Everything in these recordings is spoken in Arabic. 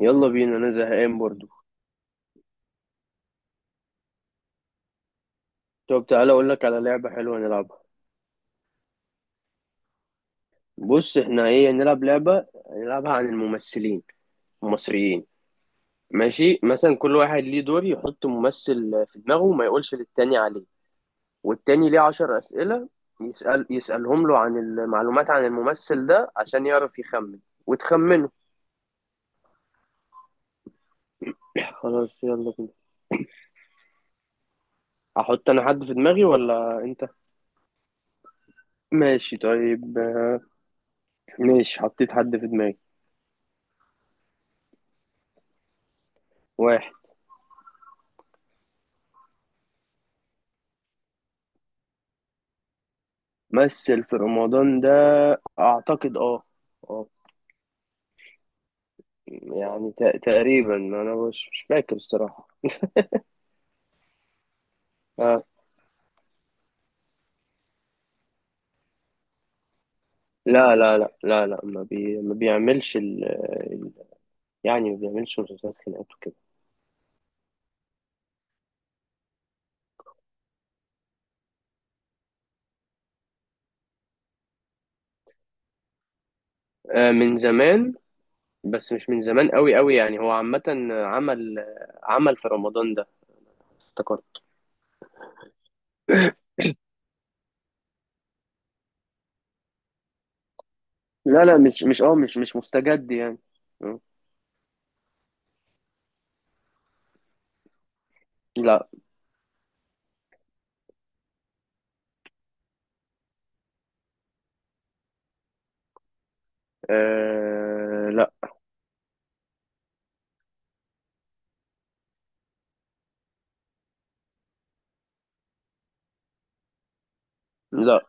يلا بينا، انا زهقان برضو. طب تعالى اقول لك على لعبة حلوة نلعبها. بص، احنا ايه، نلعب لعبة نلعبها عن الممثلين المصريين. ماشي، مثلا كل واحد ليه دور يحط ممثل في دماغه وما يقولش للتاني عليه. والتاني ليه 10 أسئلة، يسألهم له عن المعلومات عن الممثل ده عشان يعرف يخمن وتخمنه. خلاص، يلا بينا. احط انا حد في دماغي ولا انت؟ ماشي طيب. ماشي، حطيت حد في دماغي. واحد. مثل في رمضان ده، اعتقد. اه. اه. يعني تقريبا انا مش فاكر الصراحه. آه. لا لا لا لا لا، ما بيعملش ال- يعني ما بيعملش مسلسلات خناقات وكده. آه، من زمان. بس مش من زمان قوي قوي، يعني هو عامه. عمل عمل في رمضان ده، افتكرت. لا لا، مش مش اه مش مش مستجد يعني. م. لا. آه، لا. لا،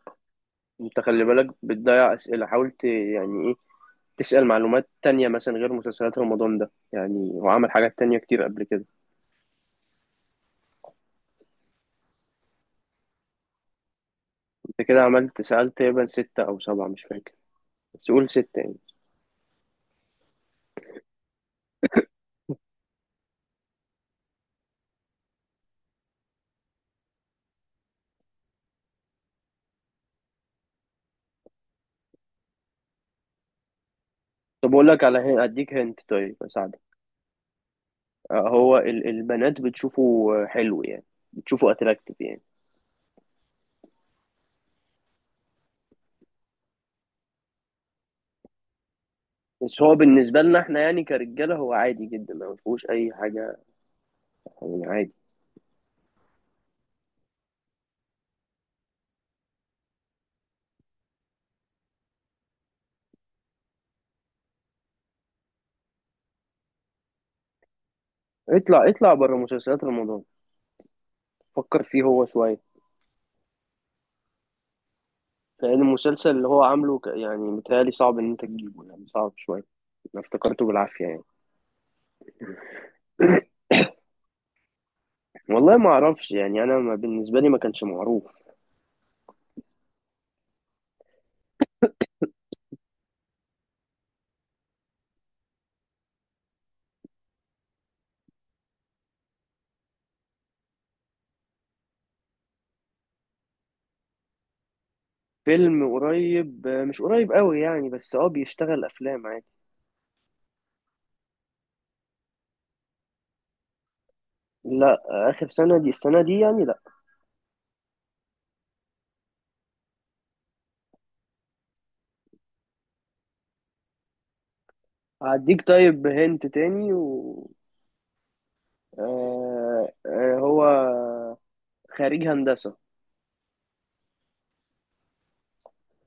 انت خلي بالك بتضيع اسئله، حاولت يعني تسأل معلومات تانية مثلا غير مسلسلات رمضان ده، يعني هو عمل حاجات تانية كتير قبل كده. انت كده عملت، سألت تقريبا 6 أو 7، مش فاكر، بس قول 6 يعني. طب أقول لك على أديك هنت، طيب أساعدك. هو البنات بتشوفه حلو يعني، بتشوفه أتراكتيف يعني. بس هو بالنسبة لنا احنا يعني، كرجالة، هو عادي جدا، ما فيهوش أي حاجة، يعني عادي. اطلع اطلع بره مسلسلات رمضان. فكر فيه هو شوية. لأن المسلسل اللي هو عامله يعني متهيألي صعب إن أنت تجيبه، يعني صعب شوية. أنا افتكرته بالعافية يعني. والله ما اعرفش يعني، انا، ما بالنسبه لي، ما كانش معروف. فيلم قريب. مش قريب قوي يعني، بس بيشتغل افلام عادي. لا. اخر سنه دي السنه دي يعني، لا. هديك طيب، هنت تاني، و هو خريج هندسه.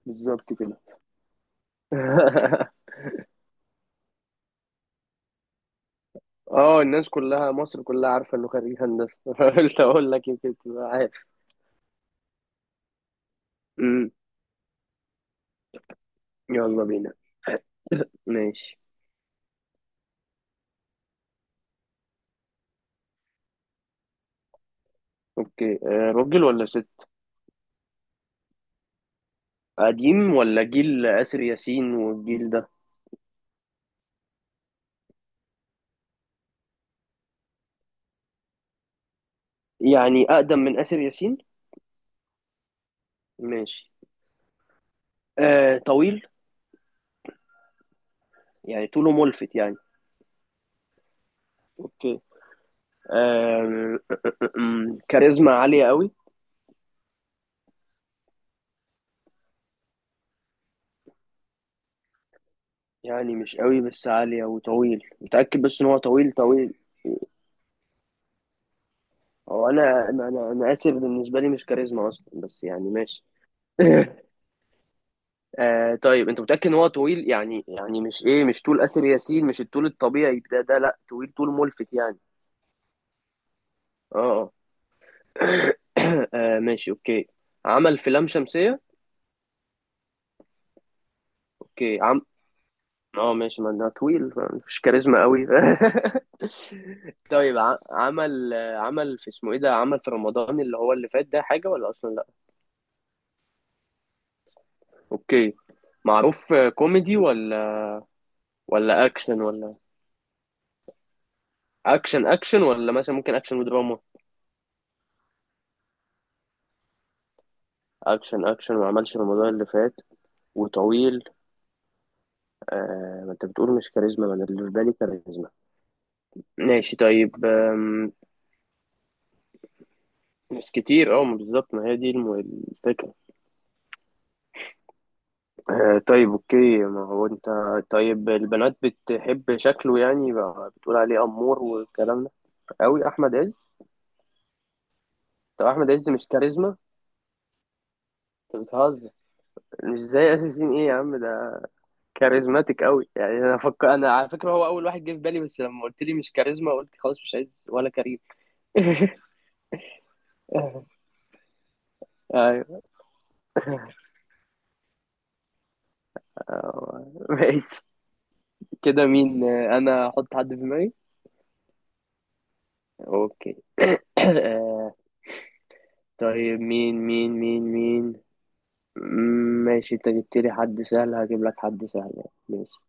بالظبط كده. اه، الناس كلها، مصر كلها عارفه انه خريج هندسه. قلت اقول لك يمكن تبقى عارف. أمم، يلا بينا. ماشي، اوكي. راجل ولا ست؟ قديم ولا جيل آسر ياسين والجيل ده؟ يعني أقدم من آسر ياسين. ماشي. آه، طويل، يعني طوله ملفت يعني. اوكي. آه كاريزما عالية قوي. يعني مش قوي بس عالية، وطويل متأكد، بس ان هو طويل طويل. هو انا انا انا أنا آسر بالنسبة لي مش كاريزما اصلا، بس يعني ماشي. طيب انت متأكد ان هو طويل يعني مش ايه، مش طول آسر ياسين، مش الطول الطبيعي ده لا، طويل، طول ملفت يعني. اه اه. ماشي اوكي. عمل في لام شمسية. اوكي. اه، ماشي، ما ده طويل، فمفيش كاريزما قوي. طيب، عمل في اسمه ايه ده، عمل في رمضان اللي هو اللي فات ده حاجة ولا اصلا لا. اوكي. معروف كوميدي ولا؟ ولا اكشن ولا؟ اكشن اكشن، ولا مثلا ممكن اكشن ودراما؟ اكشن اكشن، ما عملش رمضان اللي فات. وطويل. آه، ما انت بتقول مش كاريزما، ما انا اللي في بالي كاريزما. ماشي طيب. مش كتير، اه، ما بالظبط، ما هي دي الفكرة. طيب اوكي، ما هو انت، طيب البنات بتحب شكله يعني بقى، بتقول عليه امور والكلام ده؟ قوي، احمد عز. طب احمد عز مش كاريزما؟ انت بتهزر، مش زي اساسين، ايه يا عم ده كاريزماتيك قوي يعني. انا فكر، انا على فكره هو اول واحد جه في بالي، بس لما قلت لي مش كاريزما قلت خلاص مش عايز، ولا كريم. ايوه. ماشي. كده مين؟ انا احط حد في دماغي. اوكي. آه، طيب مين مين مين مين. ماشي، انت جبت لي حد سهل، هجيب لك حد سهل يعني. ماشي،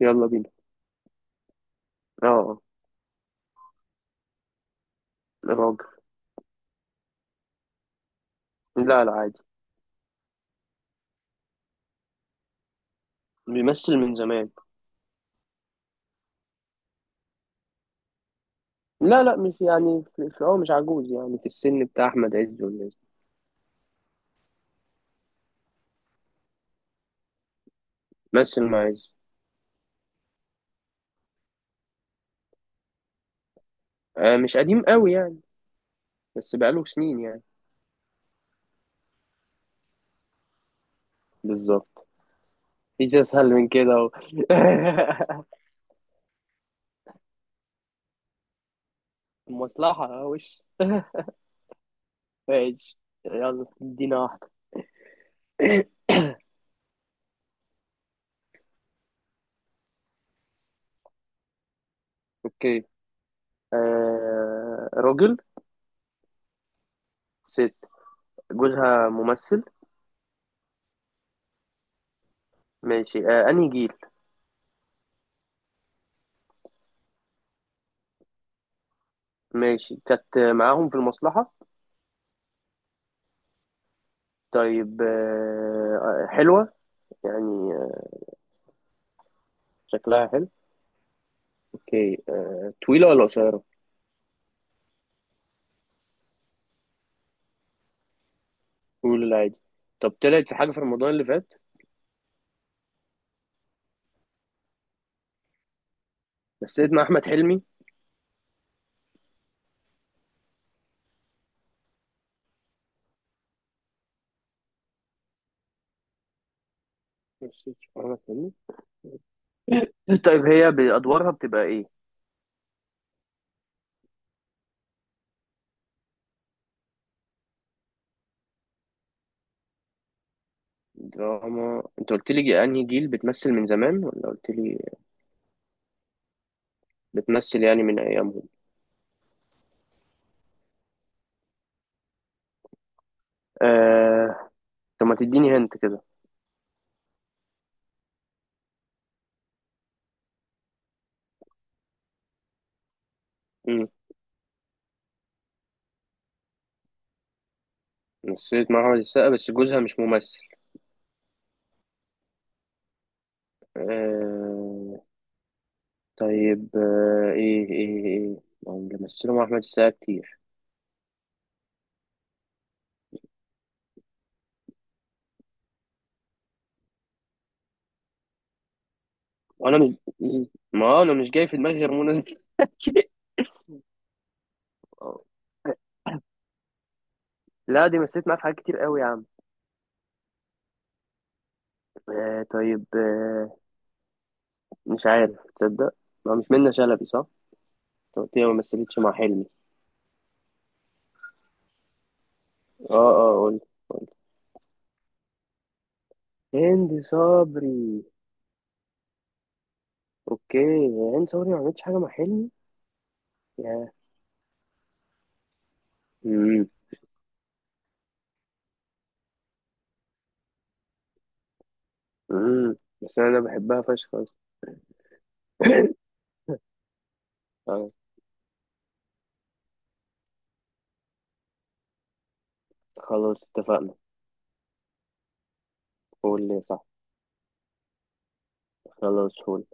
يلا بينا. اه، راجل. لا لا، عادي. بيمثل من زمان. لا لا، مش يعني هو مش عجوز يعني، في السن بتاع احمد عز والناس دي. مثل مع عز. آه، مش قديم قوي يعني، بس بقاله سنين يعني. بالظبط، مفيش اسهل من كده اهو. مصلحة، وش ماشي. يلا ادينا واحدة. اوكي. راجل. ست. جوزها ممثل. ماشي. انهي جيل؟ ماشي، كانت معاهم في المصلحة. طيب، حلوة يعني، شكلها حلو. اوكي، طويلة ولا قصيرة؟ طويلة لا، عادي. طب طلعت في حاجة في رمضان اللي فات؟ مثلت مع أحمد حلمي. مثلت مع أحمد حلمي. طيب هي بأدوارها بتبقى إيه؟ دراما. أنت قلت لي أنهي جيل بتمثل من زمان، ولا قلت لي بتمثل يعني من أيامهم؟ آه. طب ما تديني هنت كده. مم. مثلت مع أحمد السقا، بس جوزها مش ممثل. آه. طيب، ايه ايه ايه، ما هم اللي مثلوا مع احمد السقا كتير، وانا مش، ما هو انا مش جاي في دماغي غير منى زكي. لا، دي مثلت معاه في حاجات كتير قوي يا عم. طيب، مش عارف تصدق، ما مش منة شلبي صح؟ أنت قلت لي ما مثلتش مع حلمي. اه اه، قلت. هند صبري. اوكي. هند صبري ما عملتش حاجه مع حلمي يا... امم امم بس انا بحبها فشخ أصلاً. آه، خلاص اتفقنا. قول لي صح. خلاص قول.